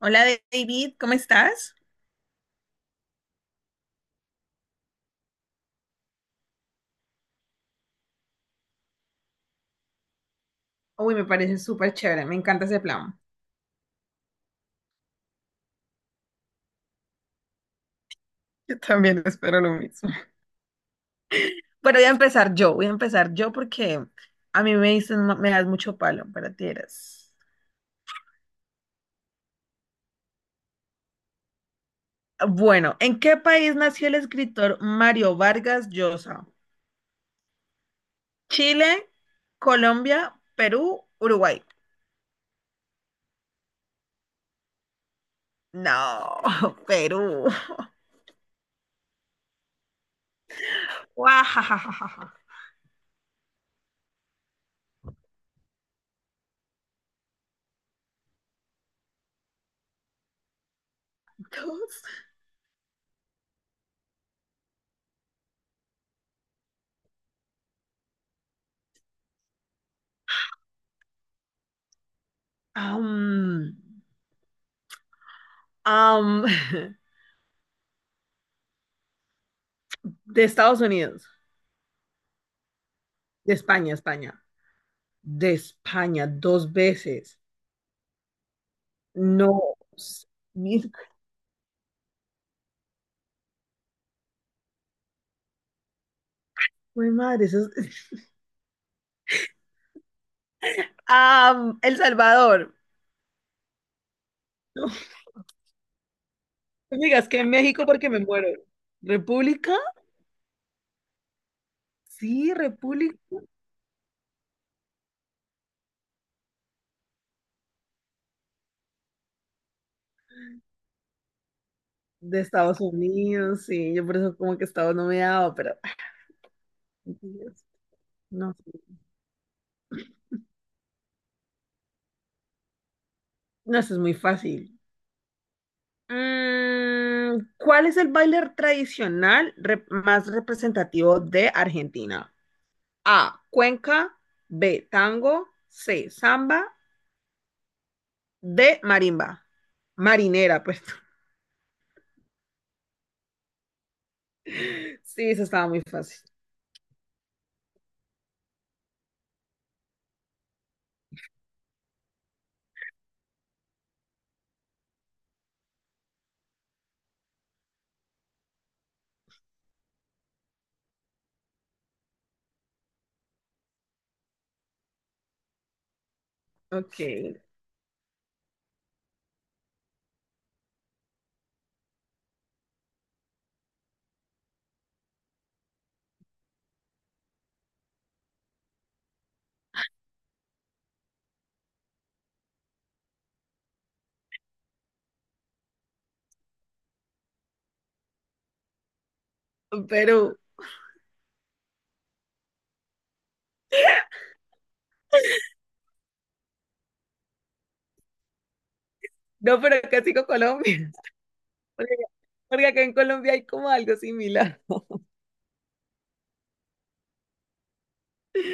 Hola David, ¿cómo estás? Uy, me parece súper chévere, me encanta ese plan. Yo también espero lo mismo. Bueno, voy a empezar yo porque a mí me dicen, "Ma- me das mucho palo, pero tienes. Bueno, ¿en qué país nació el escritor Mario Vargas Llosa? Chile, Colombia, Perú, Uruguay. No, Perú. Guajajajaja. Dos. Am, am, de Estados Unidos, de España, España. De España dos veces. No, mil jue madre, eso es- Ah, El Salvador. No, no me digas que en México porque me muero. ¿República? Sí, República de Estados Unidos, sí, yo por eso como que Estados no me daba, pero ay, Dios, no, sí. No, eso es muy fácil. Mm, ¿cuál es el baile tradicional re- más representativo de Argentina? A, cuenca, B, tango, C, samba de marimba. Marinera, pues. Sí, eso estaba muy fácil. Ok. Perú. No, pero casi con Colombia. Porque, porque acá en Colombia hay como algo similar.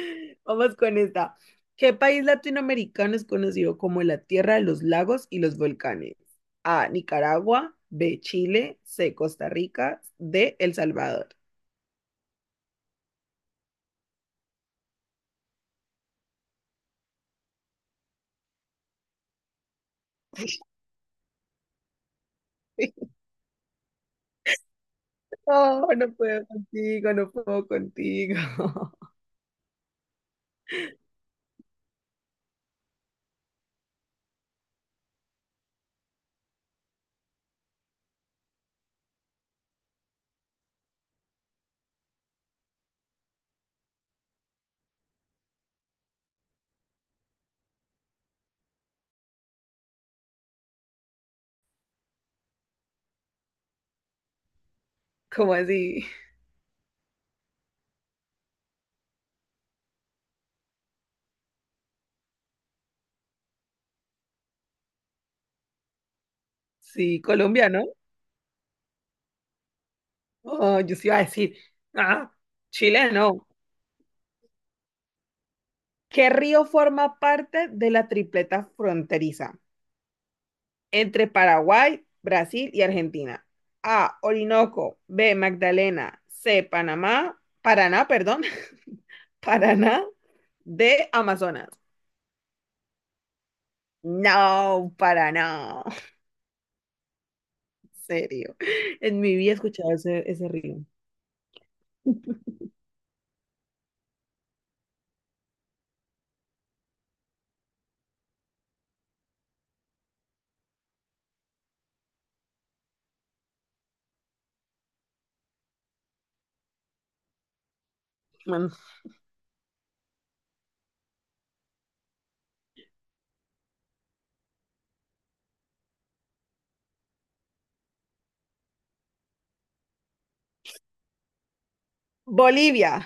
Vamos con esta. ¿Qué país latinoamericano es conocido como la tierra de los lagos y los volcanes? A, Nicaragua. B, Chile. C, Costa Rica. D, El Salvador. No, no puedo contigo. ¿Cómo así? Sí, Colombia, ¿no? Oh, yo sí iba a decir, ah, Chile no. ¿Qué río forma parte de la tripleta fronteriza entre Paraguay, Brasil y Argentina? A, Orinoco, B, Magdalena, C, Panamá, Paraná, perdón, Paraná, D, Amazonas. No, Paraná. En serio. En mi vida he escuchado ese río. Bueno, Bolivia.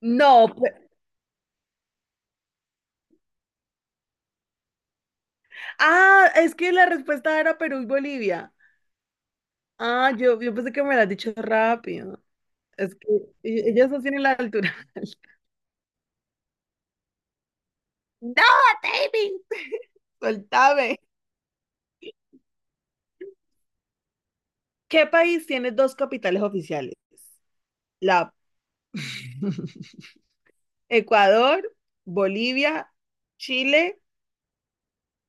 No. Pe- ah, es que la respuesta era Perú y Bolivia. Ah, yo pensé que me lo has dicho rápido. Es que e- ellas no tienen la altura. No, David, soltame. ¿Qué país tiene dos capitales oficiales? La Ecuador, Bolivia, Chile,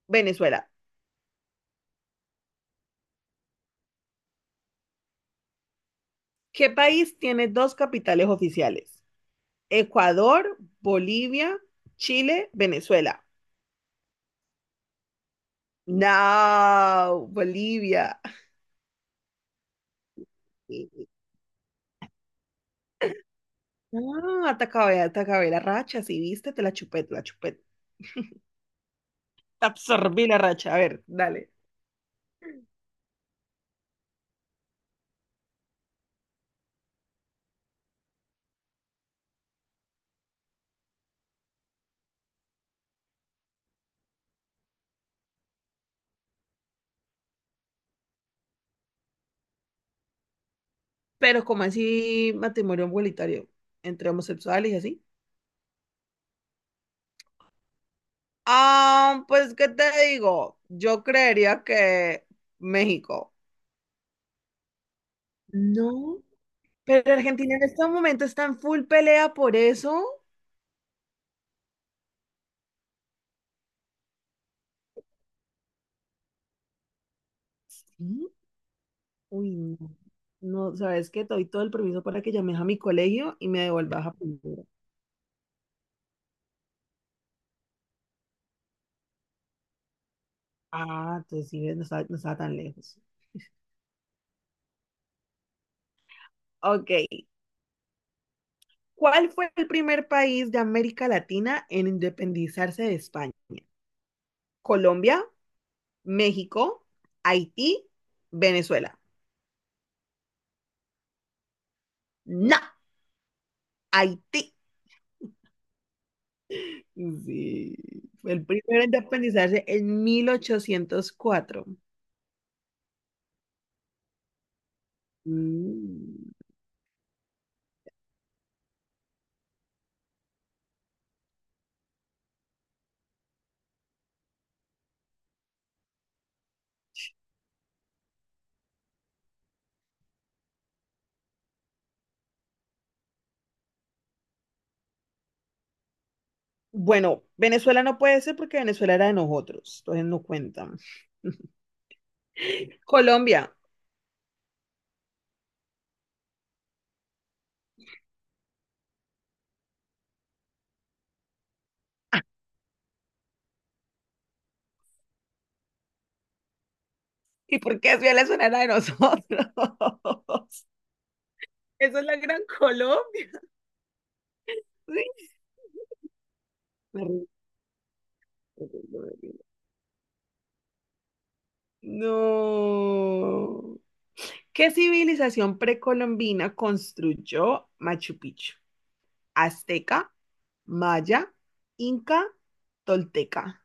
Venezuela. ¿Qué país tiene dos capitales oficiales? Ecuador, Bolivia, Chile, Venezuela. No, Bolivia. Ah, te acabé la racha, sí, viste, te la chupé. Te absorbí la racha, a ver, dale. Pero como así matrimonio igualitario entre homosexuales y así. Ah, pues, ¿qué te digo? Yo creería que México. No, pero Argentina en este momento está en full pelea por eso. Sí. Uy, no. No, ¿sabes qué? Te doy todo el permiso para que llames a mi colegio y me devuelvas a primero. Ah, entonces sí, ves, no estaba tan lejos. Ok, ¿cuál fue el primer país de América Latina en independizarse de España? Colombia, México, Haití, Venezuela. No, Haití. Sí, fue el primero en independizarse en 1804. Mm. Bueno, Venezuela no puede ser porque Venezuela era de nosotros, entonces no cuentan. Colombia. ¿Y por qué si Venezuela era de nosotros? Eso es la Gran Colombia. Sí. No. ¿Qué civilización precolombina construyó Machu Picchu? ¿Azteca, maya, inca, tolteca?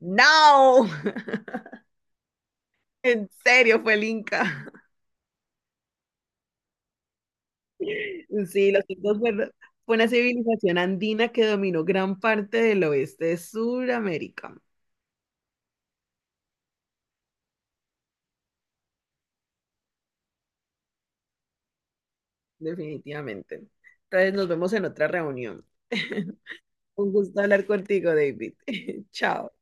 No. En serio, fue el inca. Sí, los incas fueron- fue una civilización andina que dominó gran parte del oeste de Sudamérica, definitivamente. Entonces nos vemos en otra reunión. Un gusto hablar contigo, David. Chao.